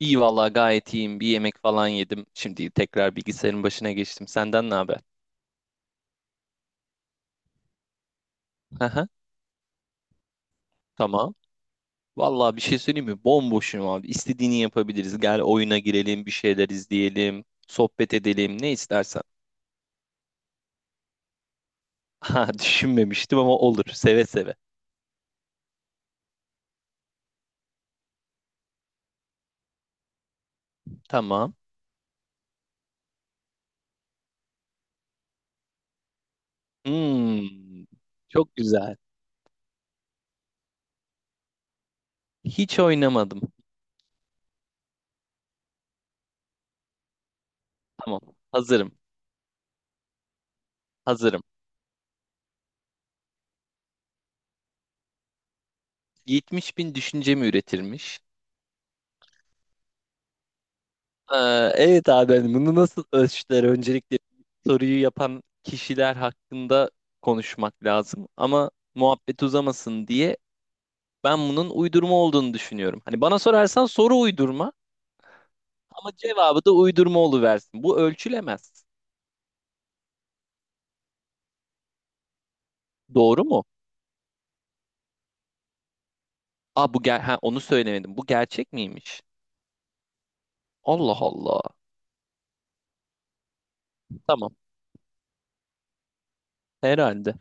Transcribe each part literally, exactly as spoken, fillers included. İyi vallahi gayet iyiyim. Bir yemek falan yedim. Şimdi tekrar bilgisayarın başına geçtim. Senden ne haber? Haha. Tamam. Vallahi bir şey söyleyeyim mi? Bomboşum abi. İstediğini yapabiliriz. Gel oyuna girelim, bir şeyler izleyelim, sohbet edelim, ne istersen. Ha, düşünmemiştim ama olur. Seve seve. Tamam. Hmm, çok güzel. Hiç oynamadım. Tamam. Hazırım. Hazırım. yetmiş bin düşünce mi üretilmiş? Ee, evet abi, hani bunu nasıl ölçtüler? Öncelikle soruyu yapan kişiler hakkında konuşmak lazım. Ama muhabbet uzamasın diye ben bunun uydurma olduğunu düşünüyorum. Hani bana sorarsan soru uydurma, ama cevabı da uydurma oluversin. Bu ölçülemez. Doğru mu? Aa, bu ger ha, onu söylemedim. Bu gerçek miymiş? Allah Allah. Tamam herhalde.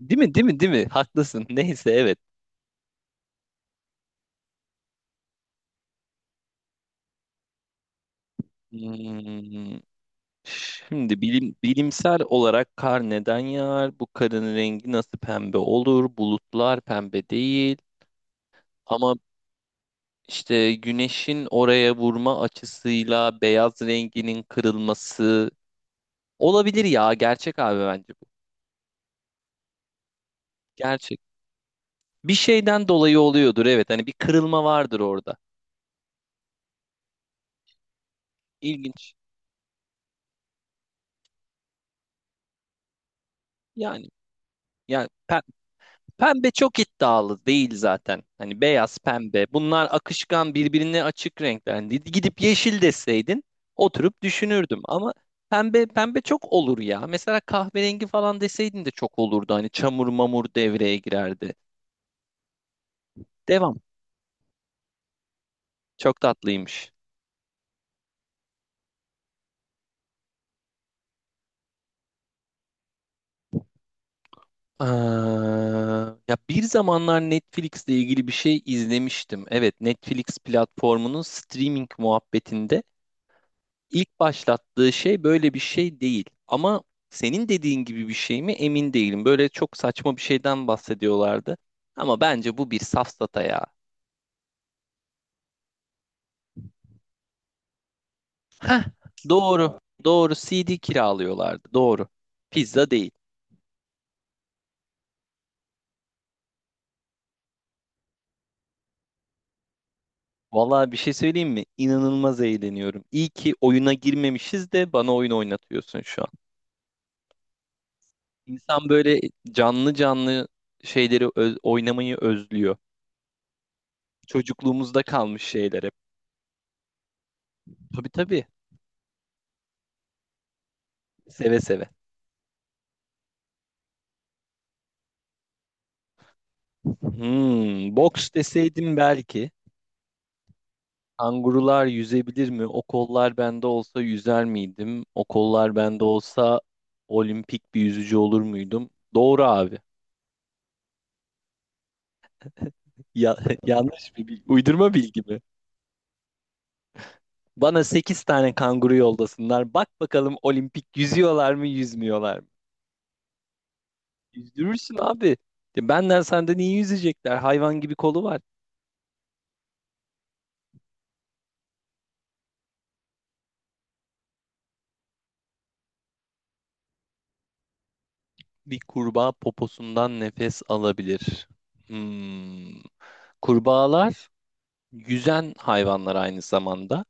Değil mi, değil mi, değil mi? Haklısın. Neyse, evet. Hmm. Şimdi bilim, bilimsel olarak kar neden yağar? Bu karın rengi nasıl pembe olur? Bulutlar pembe değil. Ama işte güneşin oraya vurma açısıyla beyaz renginin kırılması olabilir ya. Gerçek abi, bence bu. Gerçek. Bir şeyden dolayı oluyordur, evet. Hani bir kırılma vardır orada. İlginç. Yani yani pembe çok iddialı değil zaten. Hani beyaz, pembe. Bunlar akışkan, birbirine açık renkler. Hani gidip yeşil deseydin oturup düşünürdüm. Ama pembe, pembe çok olur ya. Mesela kahverengi falan deseydin de çok olurdu. Hani çamur mamur devreye girerdi. Devam. Çok tatlıymış. Aa, ya bir zamanlar Netflix'le ilgili bir şey izlemiştim. Evet, Netflix platformunun streaming muhabbetinde İlk başlattığı şey böyle bir şey değil. Ama senin dediğin gibi bir şey mi, emin değilim. Böyle çok saçma bir şeyden bahsediyorlardı. Ama bence bu bir safsata ya. Heh, doğru. Doğru, C D kiralıyorlardı. Doğru. Pizza değil. Vallahi bir şey söyleyeyim mi? İnanılmaz eğleniyorum. İyi ki oyuna girmemişiz de bana oyun oynatıyorsun şu an. İnsan böyle canlı canlı şeyleri öz- oynamayı özlüyor. Çocukluğumuzda kalmış şeyler hep. Tabii, tabii. Seve seve. Hmm, boks deseydim belki. Kangurular yüzebilir mi? O kollar bende olsa yüzer miydim? O kollar bende olsa olimpik bir yüzücü olur muydum? Doğru abi. Ya, yanlış bir bilgi. Uydurma bilgi mi? Bana sekiz tane kanguru yoldasınlar. Bak bakalım, olimpik yüzüyorlar mı, yüzmüyorlar mı? Yüzdürürsün abi. Ya, benden senden iyi yüzecekler. Hayvan gibi kolu var. Bir kurbağa poposundan nefes alabilir. Hmm. Kurbağalar yüzen hayvanlar aynı zamanda.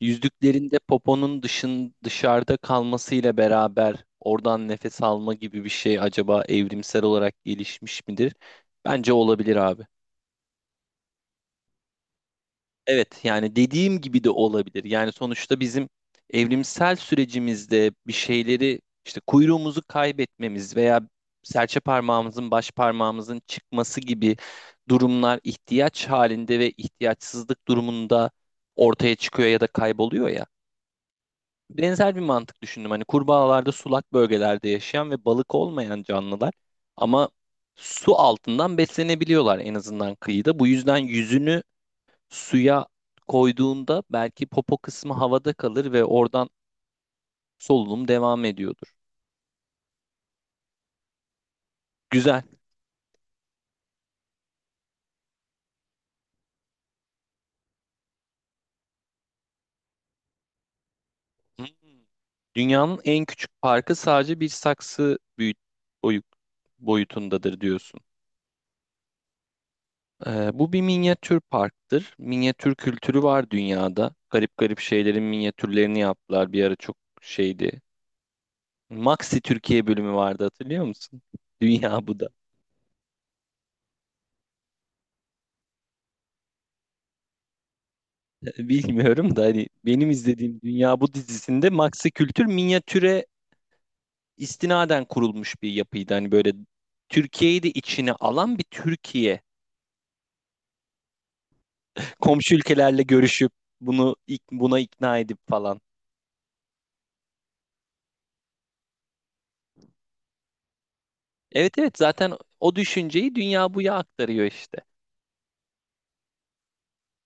Yüzdüklerinde poponun dışın dışarıda kalmasıyla beraber oradan nefes alma gibi bir şey acaba evrimsel olarak gelişmiş midir? Bence olabilir abi. Evet, yani dediğim gibi de olabilir. Yani sonuçta bizim evrimsel sürecimizde bir şeyleri işte kuyruğumuzu kaybetmemiz veya serçe parmağımızın baş parmağımızın çıkması gibi durumlar ihtiyaç halinde ve ihtiyaçsızlık durumunda ortaya çıkıyor ya da kayboluyor ya. Benzer bir mantık düşündüm. Hani kurbağalarda sulak bölgelerde yaşayan ve balık olmayan canlılar, ama su altından beslenebiliyorlar en azından kıyıda. Bu yüzden yüzünü suya koyduğunda belki popo kısmı havada kalır ve oradan solunum devam ediyordur. Güzel. Hmm. Dünyanın en küçük parkı sadece bir saksı büyüt boyu- boyutundadır diyorsun. Ee, bu bir minyatür parktır. Minyatür kültürü var dünyada. Garip garip şeylerin minyatürlerini yaptılar. Bir ara çok şeydi. Maxi Türkiye bölümü vardı, hatırlıyor musun? Dünya bu da. Bilmiyorum da hani benim izlediğim Dünya bu dizisinde Maxi Kültür minyatüre istinaden kurulmuş bir yapıydı. Hani böyle Türkiye'yi de içine alan bir Türkiye. Komşu ülkelerle görüşüp bunu buna ikna edip falan. Evet, evet, zaten o düşünceyi dünya buya aktarıyor işte.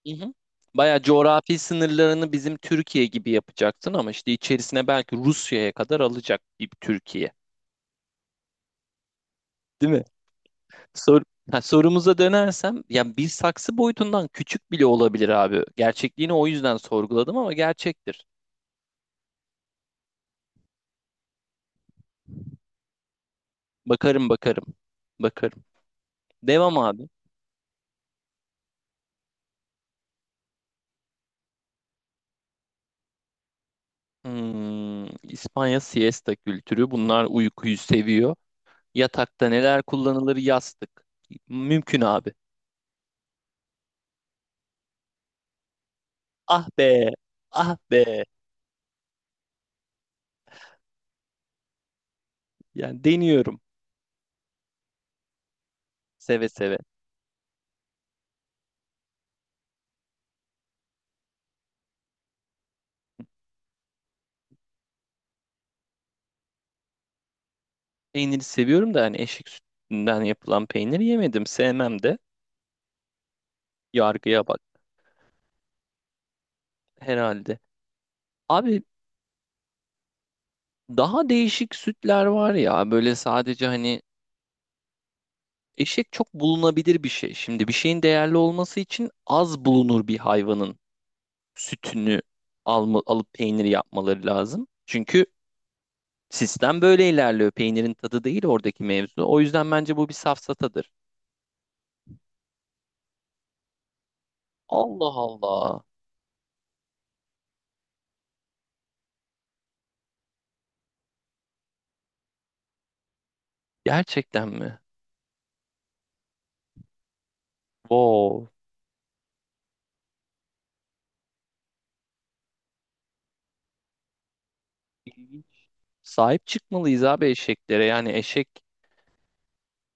Hı hı. Bayağı coğrafi sınırlarını bizim Türkiye gibi yapacaksın ama işte içerisine belki Rusya'ya kadar alacak bir Türkiye. Değil mi? Sor ha, sorumuza dönersem ya bir saksı boyutundan küçük bile olabilir abi. Gerçekliğini o yüzden sorguladım, ama gerçektir. Bakarım, bakarım. Bakarım. Devam abi. Hmm, İspanya siesta kültürü. Bunlar uykuyu seviyor. Yatakta neler kullanılır? Yastık. Mümkün abi. Ah be. Ah be. Yani deniyorum. Seve seve. Peyniri seviyorum da hani eşek sütünden yapılan peynir yemedim. Sevmem de. Yargıya bak herhalde. Abi daha değişik sütler var ya. Böyle sadece hani eşek çok bulunabilir bir şey. Şimdi bir şeyin değerli olması için az bulunur bir hayvanın sütünü alma, alıp peyniri yapmaları lazım. Çünkü sistem böyle ilerliyor. Peynirin tadı değil oradaki mevzu. O yüzden bence bu bir safsatadır. Allah Allah. Gerçekten mi? Wow. İlginç. Sahip çıkmalıyız abi eşeklere. Yani eşek,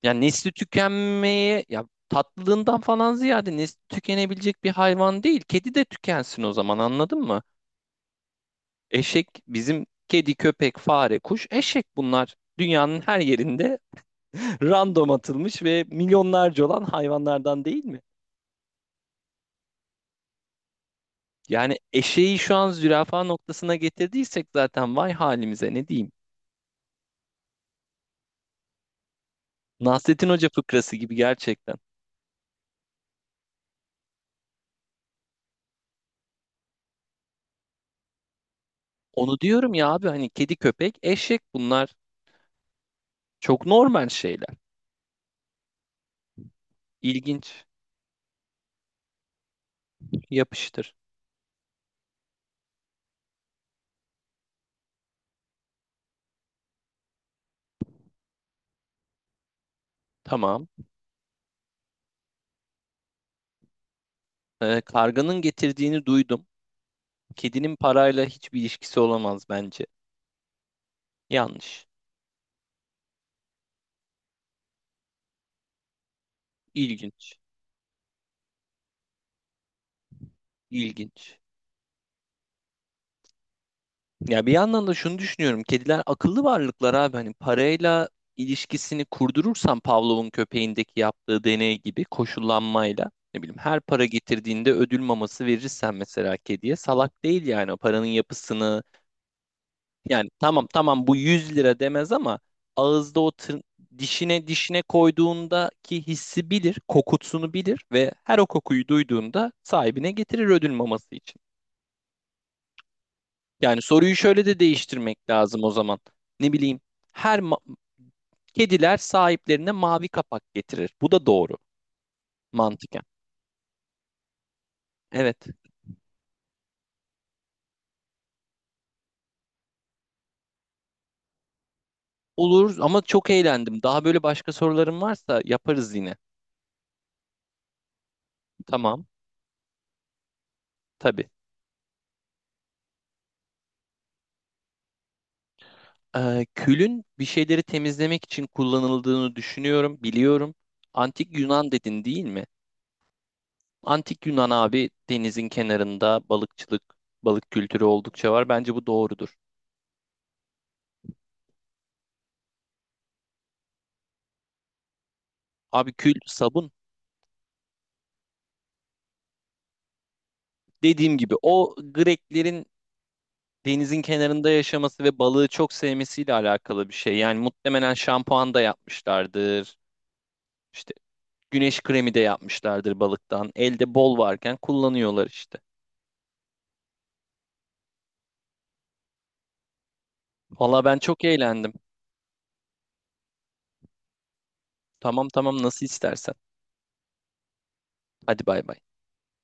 yani nesli tükenmeye, ya tatlılığından falan ziyade, nesli tükenebilecek bir hayvan değil. Kedi de tükensin o zaman, anladın mı? Eşek bizim kedi, köpek, fare, kuş, eşek, bunlar. Dünyanın her yerinde random atılmış ve milyonlarca olan hayvanlardan, değil mi? Yani eşeği şu an zürafa noktasına getirdiysek zaten vay halimize, ne diyeyim. Nasrettin Hoca fıkrası gibi gerçekten. Onu diyorum ya abi, hani kedi, köpek, eşek, bunlar çok normal şeyler. İlginç. Yapıştır. Tamam. Ee, karganın getirdiğini duydum. Kedinin parayla hiçbir ilişkisi olamaz bence. Yanlış. İlginç. İlginç. Ya bir yandan da şunu düşünüyorum. Kediler akıllı varlıklar abi. Hani parayla ilişkisini kurdurursan Pavlov'un köpeğindeki yaptığı deney gibi koşullanmayla, ne bileyim, her para getirdiğinde ödül maması verirsen mesela, kediye salak değil yani, o paranın yapısını, yani tamam, tamam bu yüz lira demez, ama ağızda o tır- dişine dişine koyduğundaki hissi bilir, kokusunu bilir ve her o kokuyu duyduğunda sahibine getirir ödül maması için. Yani soruyu şöyle de değiştirmek lazım o zaman. Ne bileyim, her ma- kediler sahiplerine mavi kapak getirir. Bu da doğru mantıken. Evet. Olur, ama çok eğlendim. Daha böyle başka sorularım varsa yaparız yine. Tamam. Tabii. Ee, külün bir şeyleri temizlemek için kullanıldığını düşünüyorum, biliyorum. Antik Yunan dedin değil mi? Antik Yunan abi, denizin kenarında balıkçılık, balık kültürü oldukça var. Bence bu doğrudur. Abi kül sabun, dediğim gibi o Greklerin denizin kenarında yaşaması ve balığı çok sevmesiyle alakalı bir şey. Yani muhtemelen şampuan da yapmışlardır. İşte güneş kremi de yapmışlardır balıktan. Elde bol varken kullanıyorlar işte. Valla ben çok eğlendim. Tamam, tamam, nasıl istersen. Hadi, bay bay.